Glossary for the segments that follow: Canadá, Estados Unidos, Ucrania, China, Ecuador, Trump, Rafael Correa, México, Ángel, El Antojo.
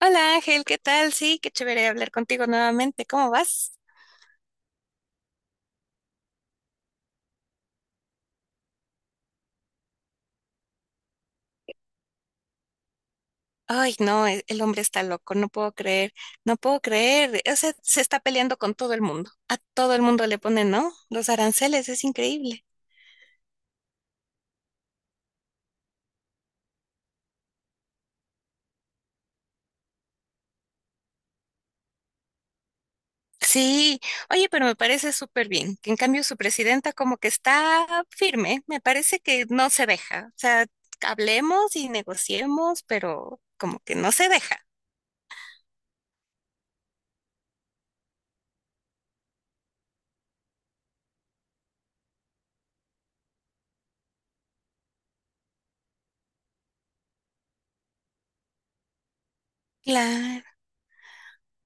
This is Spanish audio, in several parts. Hola Ángel, ¿qué tal? Sí, qué chévere hablar contigo nuevamente. ¿Cómo vas? Ay, no, el hombre está loco, no puedo creer, no puedo creer. O sea, se está peleando con todo el mundo. A todo el mundo le ponen, ¿no? Los aranceles, es increíble. Sí, oye, pero me parece súper bien, que en cambio su presidenta como que está firme, me parece que no se deja. O sea, hablemos y negociemos, pero como que no se deja. Claro.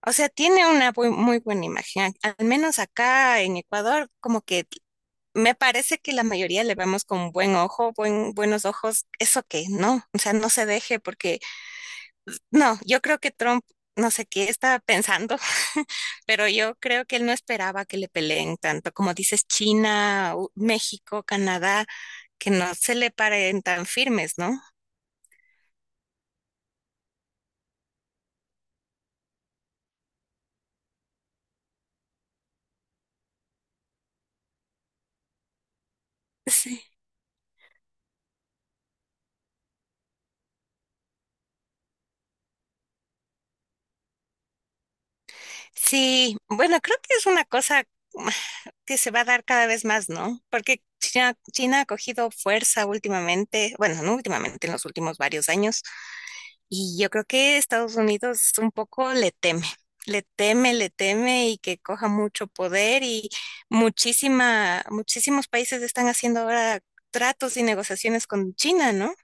O sea, tiene una muy buena imagen. Al menos acá en Ecuador, como que me parece que la mayoría le vemos con buen ojo, buenos ojos. Eso que no, o sea, no se deje porque no, yo creo que Trump, no sé qué estaba pensando, pero yo creo que él no esperaba que le peleen tanto, como dices, China, México, Canadá, que no se le paren tan firmes, ¿no? Sí. Sí, bueno, creo que es una cosa que se va a dar cada vez más, ¿no? Porque China ha cogido fuerza últimamente, bueno, no últimamente, en los últimos varios años, y yo creo que Estados Unidos un poco le teme, le teme, le teme y que coja mucho poder y muchísimos países están haciendo ahora tratos y negociaciones con China, ¿no?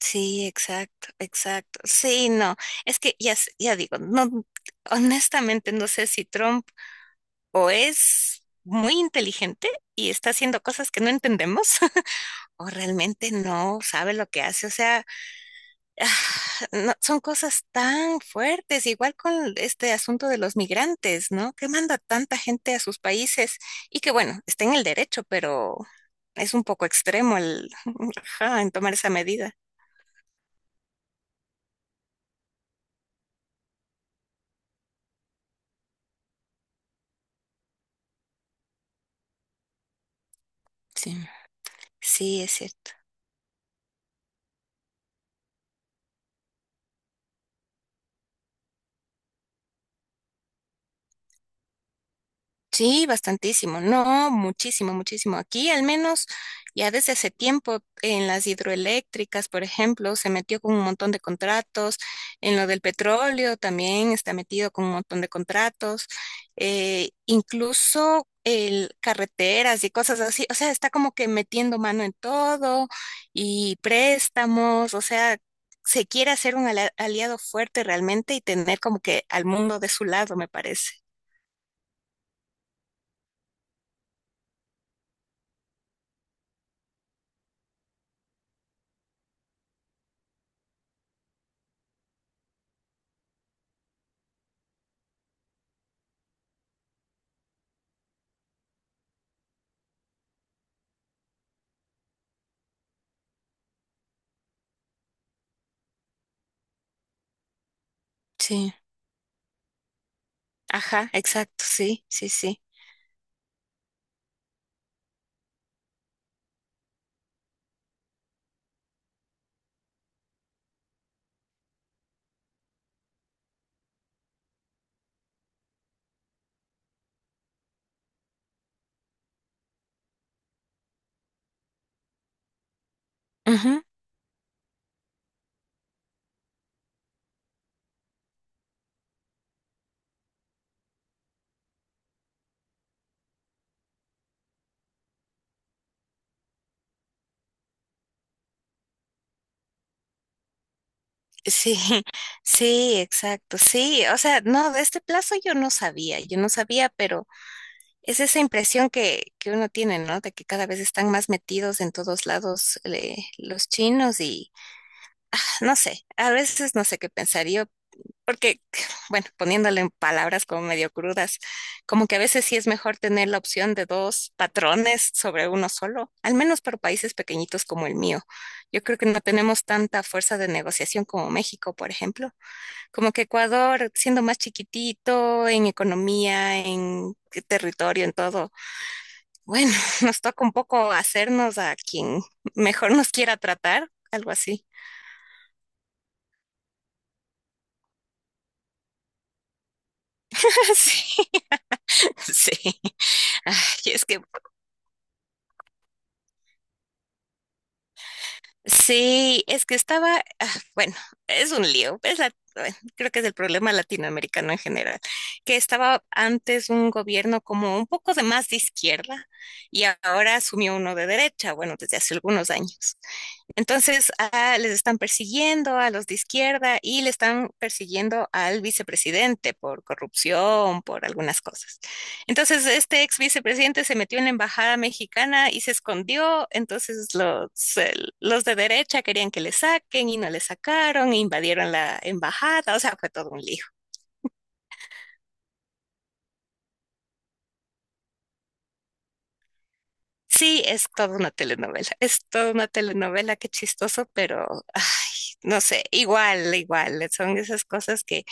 Sí, exacto, exacto. Sí, no, es que ya, ya digo, no, honestamente no sé si Trump o es muy inteligente y está haciendo cosas que no entendemos, o realmente no sabe lo que hace. O sea, ah, son cosas tan fuertes, igual con este asunto de los migrantes, ¿no? Que manda tanta gente a sus países y que bueno, está en el derecho, pero es un poco extremo el, ajá, en tomar esa medida. Sí, sí, es cierto. Sí, bastantísimo, no, muchísimo, muchísimo. Aquí al menos ya desde hace tiempo en las hidroeléctricas, por ejemplo, se metió con un montón de contratos, en lo del petróleo también está metido con un montón de contratos, incluso el carreteras y cosas así, o sea, está como que metiendo mano en todo y préstamos, o sea, se quiere hacer un aliado fuerte realmente y tener como que al mundo de su lado, me parece. Sí. Ajá, exacto, sí, sí, sí. Ujú. Sí, sí, exacto, sí. O sea, no, de este plazo yo no sabía, pero es esa impresión que uno tiene, ¿no? De que cada vez están más metidos en todos lados los chinos y, ah, no sé, a veces no sé qué pensaría porque, bueno, poniéndole en palabras como medio crudas, como que a veces sí es mejor tener la opción de dos patrones sobre uno solo, al menos para países pequeñitos como el mío. Yo creo que no tenemos tanta fuerza de negociación como México, por ejemplo. Como que Ecuador, siendo más chiquitito en economía, en territorio, en todo, bueno, nos toca un poco hacernos a quien mejor nos quiera tratar, algo así. Sí, sí. Ay, es que sí, es que estaba, ah, bueno, es un lío, es bueno, creo que es el problema latinoamericano en general, que estaba antes un gobierno como un poco de más de izquierda y ahora asumió uno de derecha, bueno, desde hace algunos años. Entonces, les están persiguiendo a los de izquierda y le están persiguiendo al vicepresidente por corrupción, por algunas cosas. Entonces, este ex vicepresidente se metió en la embajada mexicana y se escondió. Entonces, eh, los de derecha querían que le saquen y no le sacaron, invadieron la embajada. O sea, fue todo un lío. Sí, es toda una telenovela, es toda una telenovela, qué chistoso, pero ay, no sé, igual, igual, son esas cosas que,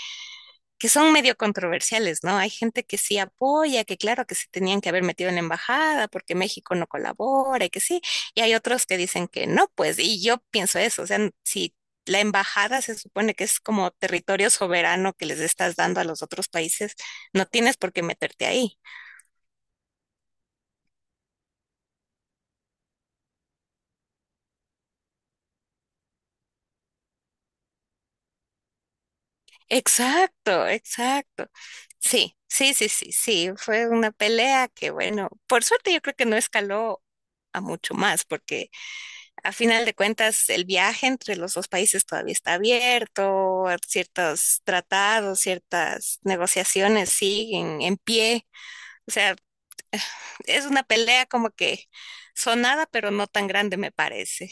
que son medio controversiales, ¿no? Hay gente que sí apoya, que claro que se tenían que haber metido en la embajada porque México no colabora y que sí, y hay otros que dicen que no, pues, y yo pienso eso, o sea, si la embajada se supone que es como territorio soberano que les estás dando a los otros países, no tienes por qué meterte ahí. Exacto, exacto. Sí, sí, sí, sí, sí. Fue una pelea que, bueno, por suerte yo creo que no escaló a mucho más, porque a final de cuentas el viaje entre los dos países todavía está abierto, ciertos tratados, ciertas negociaciones siguen en pie. O sea, es una pelea como que sonada, pero no tan grande, me parece.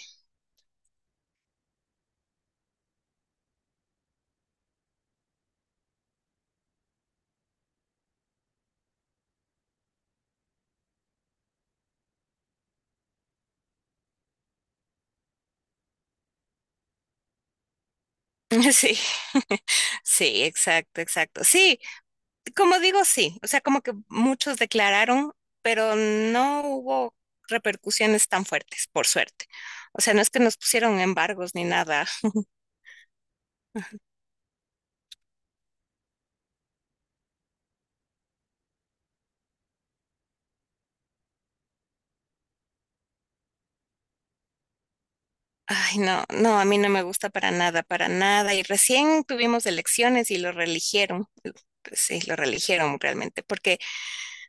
Sí, sí, exacto, exacto. Sí, como digo, sí. O sea, como que muchos declararon, pero no hubo repercusiones tan fuertes, por suerte. O sea, no es que nos pusieron embargos ni nada. Ay, no, no, a mí no me gusta para nada, para nada. Y recién tuvimos elecciones y lo reeligieron. Sí, lo reeligieron realmente, porque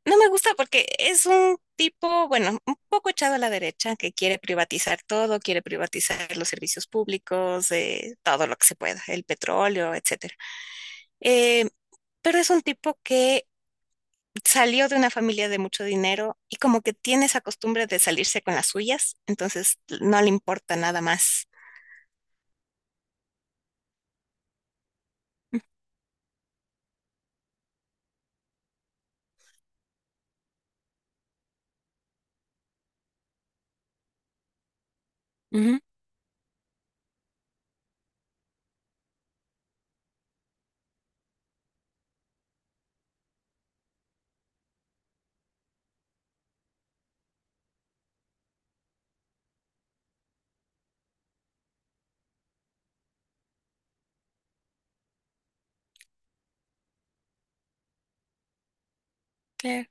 no me gusta, porque es un tipo, bueno, un poco echado a la derecha, que quiere privatizar todo, quiere privatizar los servicios públicos, todo lo que se pueda, el petróleo, etcétera. Eh, pero es un tipo que salió de una familia de mucho dinero y como que tiene esa costumbre de salirse con las suyas, entonces no le importa nada más. Ujú. Claro.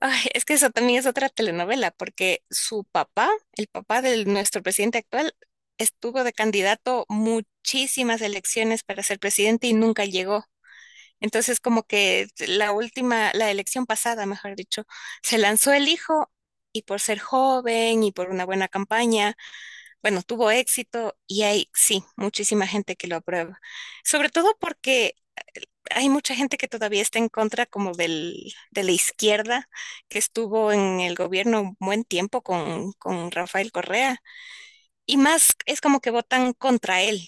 Ay, es que eso también es otra telenovela, porque su papá, el papá de nuestro presidente actual, estuvo de candidato muchísimas elecciones para ser presidente y nunca llegó. Entonces, como que la elección pasada, mejor dicho, se lanzó el hijo y por ser joven y por una buena campaña, bueno, tuvo éxito y hay, sí, muchísima gente que lo aprueba. Sobre todo porque hay mucha gente que todavía está en contra como de la izquierda que estuvo en el gobierno un buen tiempo con Rafael Correa. Y más es como que votan contra él,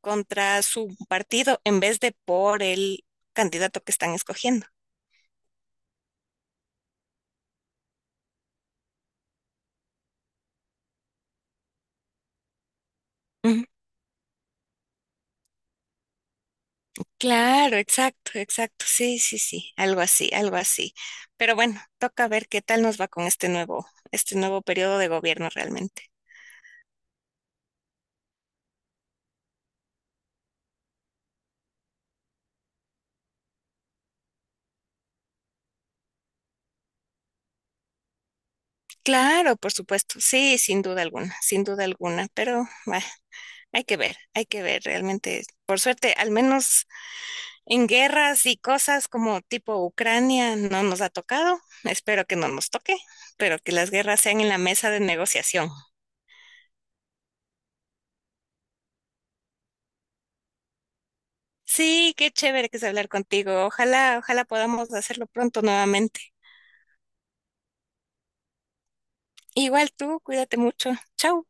contra su partido, en vez de por el candidato que están escogiendo. Ujú. Claro, exacto, exacto. Sí, sí, sí, algo así, algo así. Pero bueno, toca ver qué tal nos va con este nuevo periodo de gobierno realmente. Claro, por supuesto, sí, sin duda alguna, sin duda alguna, pero bah, hay que ver realmente. Por suerte, al menos en guerras y cosas como tipo Ucrania no nos ha tocado, espero que no nos toque, pero que las guerras sean en la mesa de negociación. Sí, qué chévere que es hablar contigo, ojalá, ojalá podamos hacerlo pronto nuevamente. Igual tú, cuídate mucho, chao.